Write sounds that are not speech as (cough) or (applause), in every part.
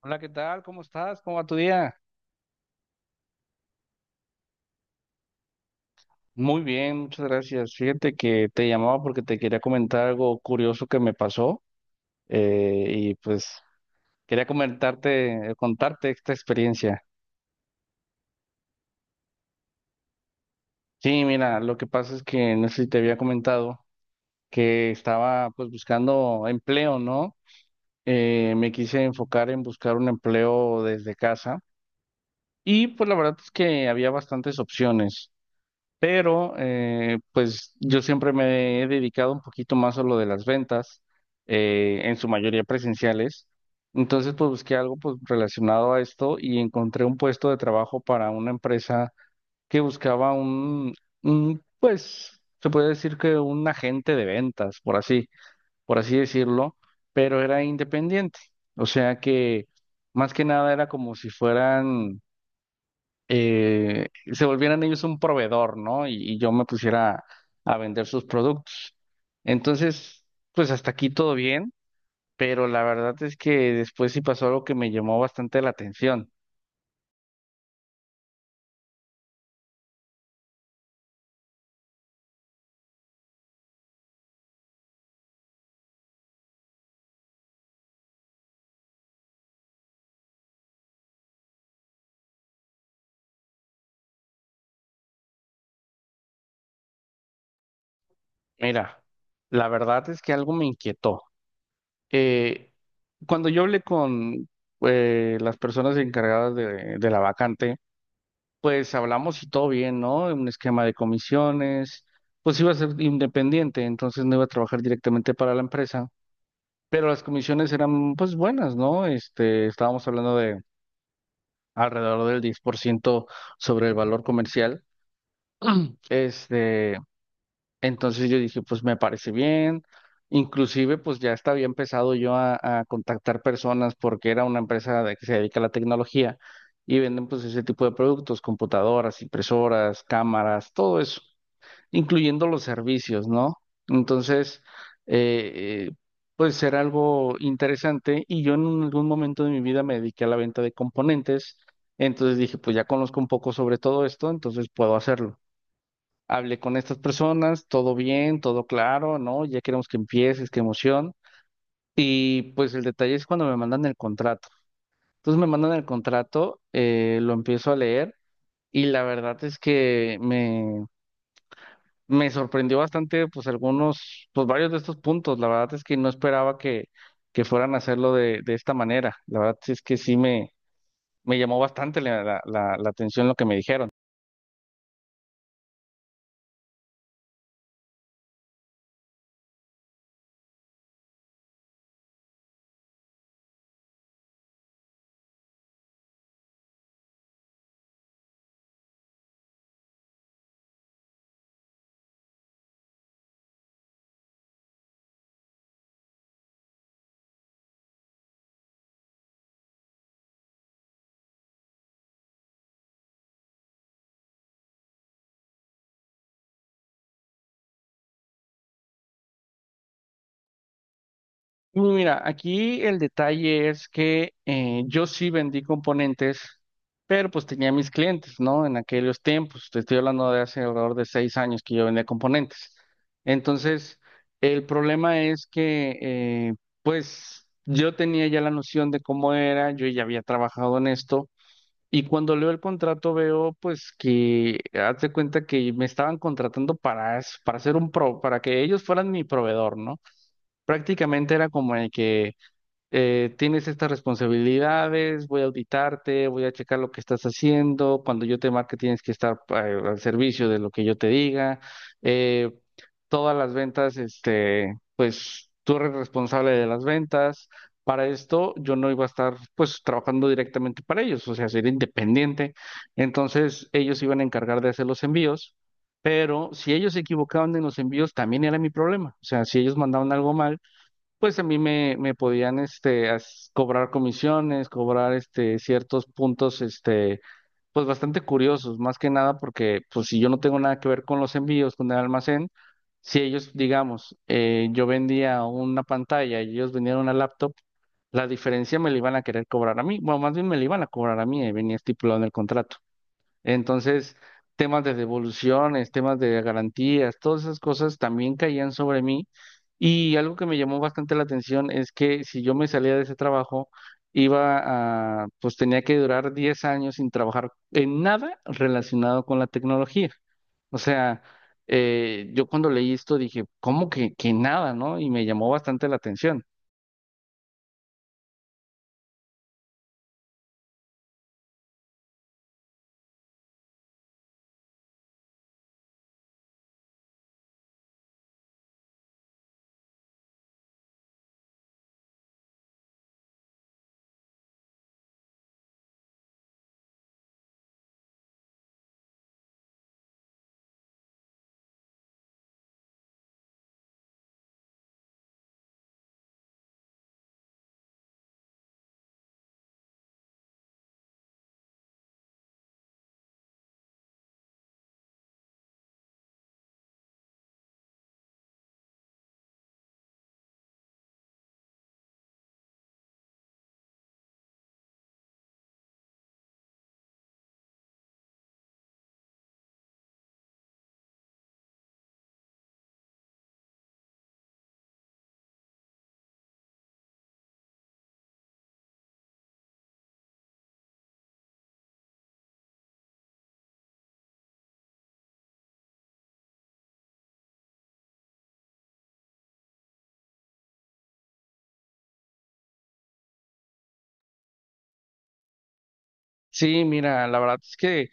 Hola, ¿qué tal? ¿Cómo estás? ¿Cómo va tu día? Muy bien, muchas gracias. Fíjate que te llamaba porque te quería comentar algo curioso que me pasó y pues quería comentarte, contarte esta experiencia. Sí, mira, lo que pasa es que no sé si te había comentado que estaba pues buscando empleo, ¿no? Me quise enfocar en buscar un empleo desde casa y pues la verdad es que había bastantes opciones. Pero pues yo siempre me he dedicado un poquito más a lo de las ventas, en su mayoría presenciales. Entonces, pues busqué algo pues, relacionado a esto y encontré un puesto de trabajo para una empresa que buscaba un pues, se puede decir que un agente de ventas, por así decirlo, pero era independiente. O sea que más que nada era como si fueran se volvieran ellos un proveedor, ¿no? Y yo me pusiera a vender sus productos. Entonces, pues hasta aquí todo bien, pero la verdad es que después sí pasó algo que me llamó bastante la atención. Mira, la verdad es que algo me inquietó. Eh, Cuando yo hablé con las personas encargadas de la vacante, pues hablamos y todo bien, ¿no? Un esquema de comisiones, pues iba a ser independiente, entonces no iba a trabajar directamente para la empresa. Pero las comisiones eran pues buenas, ¿no? Este, estábamos hablando de alrededor del 10% sobre el valor comercial. (clears throat) Este, entonces yo dije, pues me parece bien. Inclusive, pues ya estaba empezado yo a contactar personas porque era una que se dedica a la tecnología y venden pues ese tipo de productos, computadoras, impresoras, cámaras, todo eso incluyendo los servicios, ¿no? Entonces, eh, eh, pues será algo interesante y yo en algún momento de mi vida me dediqué a la venta de componentes, entonces dije, pues ya conozco un poco sobre todo esto, entonces puedo hacerlo. Hablé con estas personas, todo bien, todo claro, ¿no? Ya queremos que empieces, qué emoción. Y pues el detalle es cuando me mandan el contrato. Entonces me mandan el contrato, lo empiezo a leer y la verdad es que me sorprendió bastante, pues pues varios de estos puntos. La verdad es que no esperaba que fueran a hacerlo de esta manera. La verdad es que sí me llamó bastante la atención lo que me dijeron. Uy, mira, aquí el detalle es que yo sí vendí componentes, pero pues tenía mis clientes, ¿no? En aquellos tiempos, te estoy hablando de hace alrededor de 6 años que yo vendía componentes. Entonces, el problema es que, pues, yo tenía ya la noción de cómo era, yo ya había trabajado en esto, y cuando leo el contrato veo, pues, que haz de cuenta que me estaban contratando para ser para que ellos fueran mi proveedor, ¿no? Prácticamente era como el que tienes estas responsabilidades, voy a auditarte, voy a checar lo que estás haciendo, cuando yo te marque tienes que estar al servicio de lo que yo te diga, eh, todas las ventas, este, pues tú eres responsable de las ventas. Para esto yo no iba a estar pues trabajando directamente para ellos, o sea, sería independiente. Entonces ellos se iban a encargar de hacer los envíos, pero si ellos se equivocaban en los envíos también era mi problema. O sea, si ellos mandaban algo mal, pues a mí me, me podían este, as- cobrar comisiones, cobrar este, ciertos puntos, este, pues bastante curiosos, más que nada porque pues si yo no tengo nada que ver con los envíos, con el almacén, si ellos, digamos, yo vendía una pantalla y ellos vendían una laptop, la diferencia me la iban a querer cobrar a mí, bueno, más bien me la iban a cobrar a mí, y venía estipulado en el contrato. Entonces, temas de devoluciones, temas de garantías, todas esas cosas también caían sobre mí. Y algo que me llamó bastante la atención es que si yo me salía de ese trabajo, pues tenía que durar 10 años sin trabajar en nada relacionado con la tecnología. O sea, yo cuando leí esto dije, ¿cómo que nada, no? Y me llamó bastante la atención. Sí, mira, la verdad es que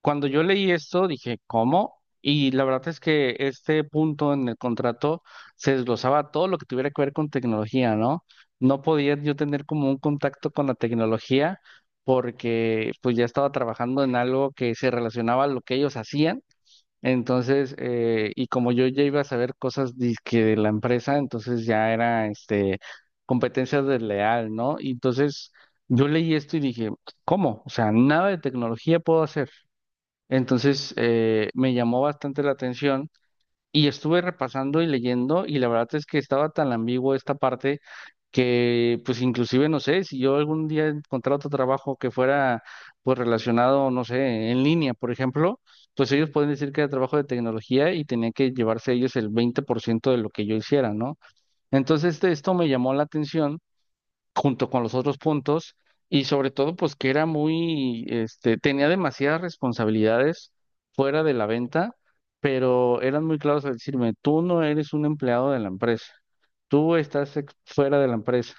cuando yo leí esto, dije, ¿cómo? Y la verdad es que este punto en el contrato se desglosaba todo lo que tuviera que ver con tecnología, ¿no? No podía yo tener como un contacto con la tecnología porque pues ya estaba trabajando en algo que se relacionaba a lo que ellos hacían. Entonces, y como yo ya iba a saber cosas que de la empresa, entonces ya era este competencia desleal, ¿no? Y entonces yo leí esto y dije, ¿cómo? O sea, nada de tecnología puedo hacer. Entonces, me llamó bastante la atención y estuve repasando y leyendo y la verdad es que estaba tan ambiguo esta parte que pues inclusive no sé, si yo algún día encontrara otro trabajo que fuera pues relacionado, no sé, en línea, por ejemplo, pues ellos pueden decir que era trabajo de tecnología y tenía que llevarse ellos el 20% de lo que yo hiciera, ¿no? Esto me llamó la atención junto con los otros puntos y sobre todo pues que era muy, este, tenía demasiadas responsabilidades fuera de la venta, pero eran muy claros al decirme, tú no eres un empleado de la empresa, fuera de la empresa,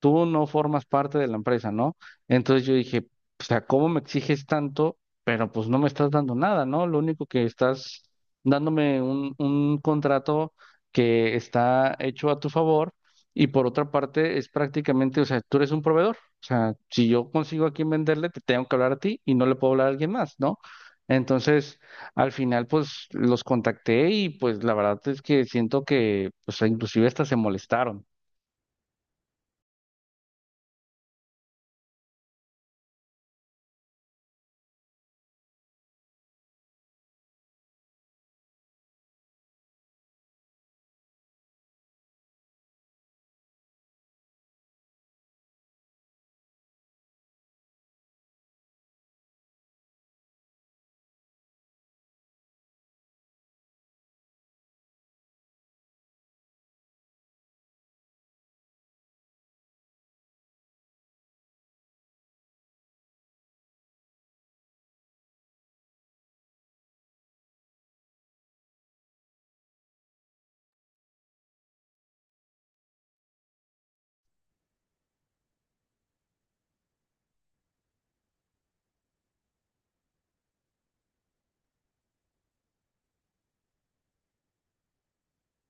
tú no formas parte de la empresa, ¿no? Entonces yo dije, o sea, ¿cómo me exiges tanto? Pero pues no me estás dando nada, ¿no? Lo único que estás dándome un contrato que está hecho a tu favor y por otra parte es prácticamente, o sea, tú eres un proveedor. O sea, si yo consigo a quién venderle, te tengo que hablar a ti y no le puedo hablar a alguien más, ¿no? Entonces, al final, pues los contacté y pues la verdad es que siento que, pues inclusive hasta se molestaron.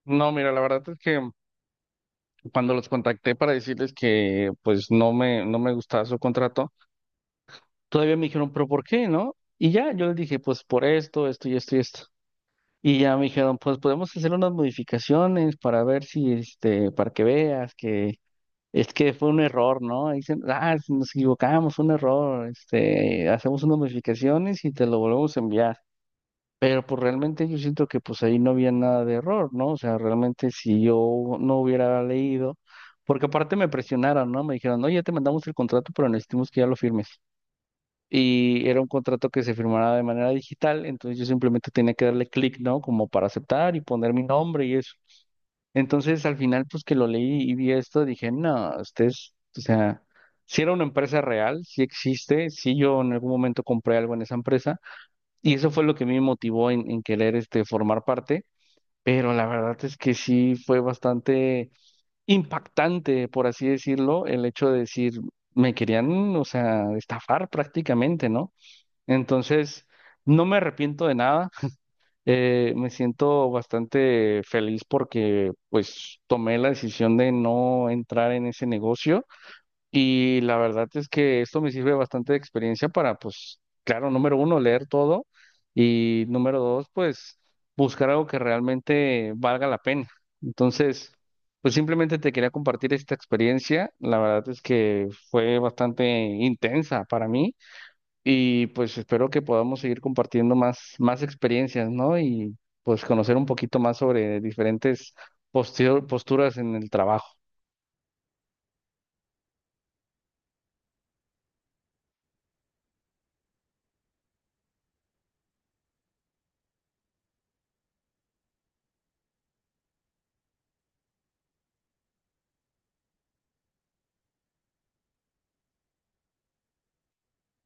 No, mira, la verdad es que cuando los contacté para decirles que pues no me, no me gustaba su contrato, todavía me dijeron, pero ¿por qué, no? Y ya, yo les dije, pues por esto, esto y esto y esto. Y ya me dijeron, pues podemos hacer unas modificaciones para ver si, este, para que veas que es que fue un error, ¿no? Y dicen, ah, nos equivocamos, fue un error, este, hacemos unas modificaciones y te lo volvemos a enviar. Pero pues realmente yo siento que pues ahí no había nada de error, ¿no? O sea, realmente si yo no hubiera leído, porque aparte me presionaron, ¿no? Me dijeron, no, ya te mandamos el contrato, pero necesitamos que ya lo firmes. Y era un contrato que se firmara de manera digital, entonces yo simplemente tenía que darle clic, ¿no? Como para aceptar y poner mi nombre y eso. Entonces al final pues que lo leí y vi esto, dije, no, ustedes, o sea, si era una empresa real, si existe, si yo en algún momento compré algo en esa empresa. Y eso fue lo que me motivó en querer este, formar parte, pero la verdad es que sí fue bastante impactante, por así decirlo, el hecho de decir, me querían, o sea, estafar prácticamente, ¿no? Entonces, no me arrepiento de nada, me siento bastante feliz porque pues tomé la decisión de no entrar en ese negocio y la verdad es que esto me sirve bastante de experiencia para, pues, claro, número uno, leer todo y número dos, pues, buscar algo que realmente valga la pena. Entonces, pues simplemente te quería compartir esta experiencia. La verdad es que fue bastante intensa para mí y pues espero que podamos seguir compartiendo más, más experiencias, ¿no? Y pues conocer un poquito más sobre diferentes posturas en el trabajo.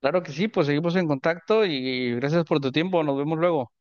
Claro que sí, pues seguimos en contacto y gracias por tu tiempo. Nos vemos luego.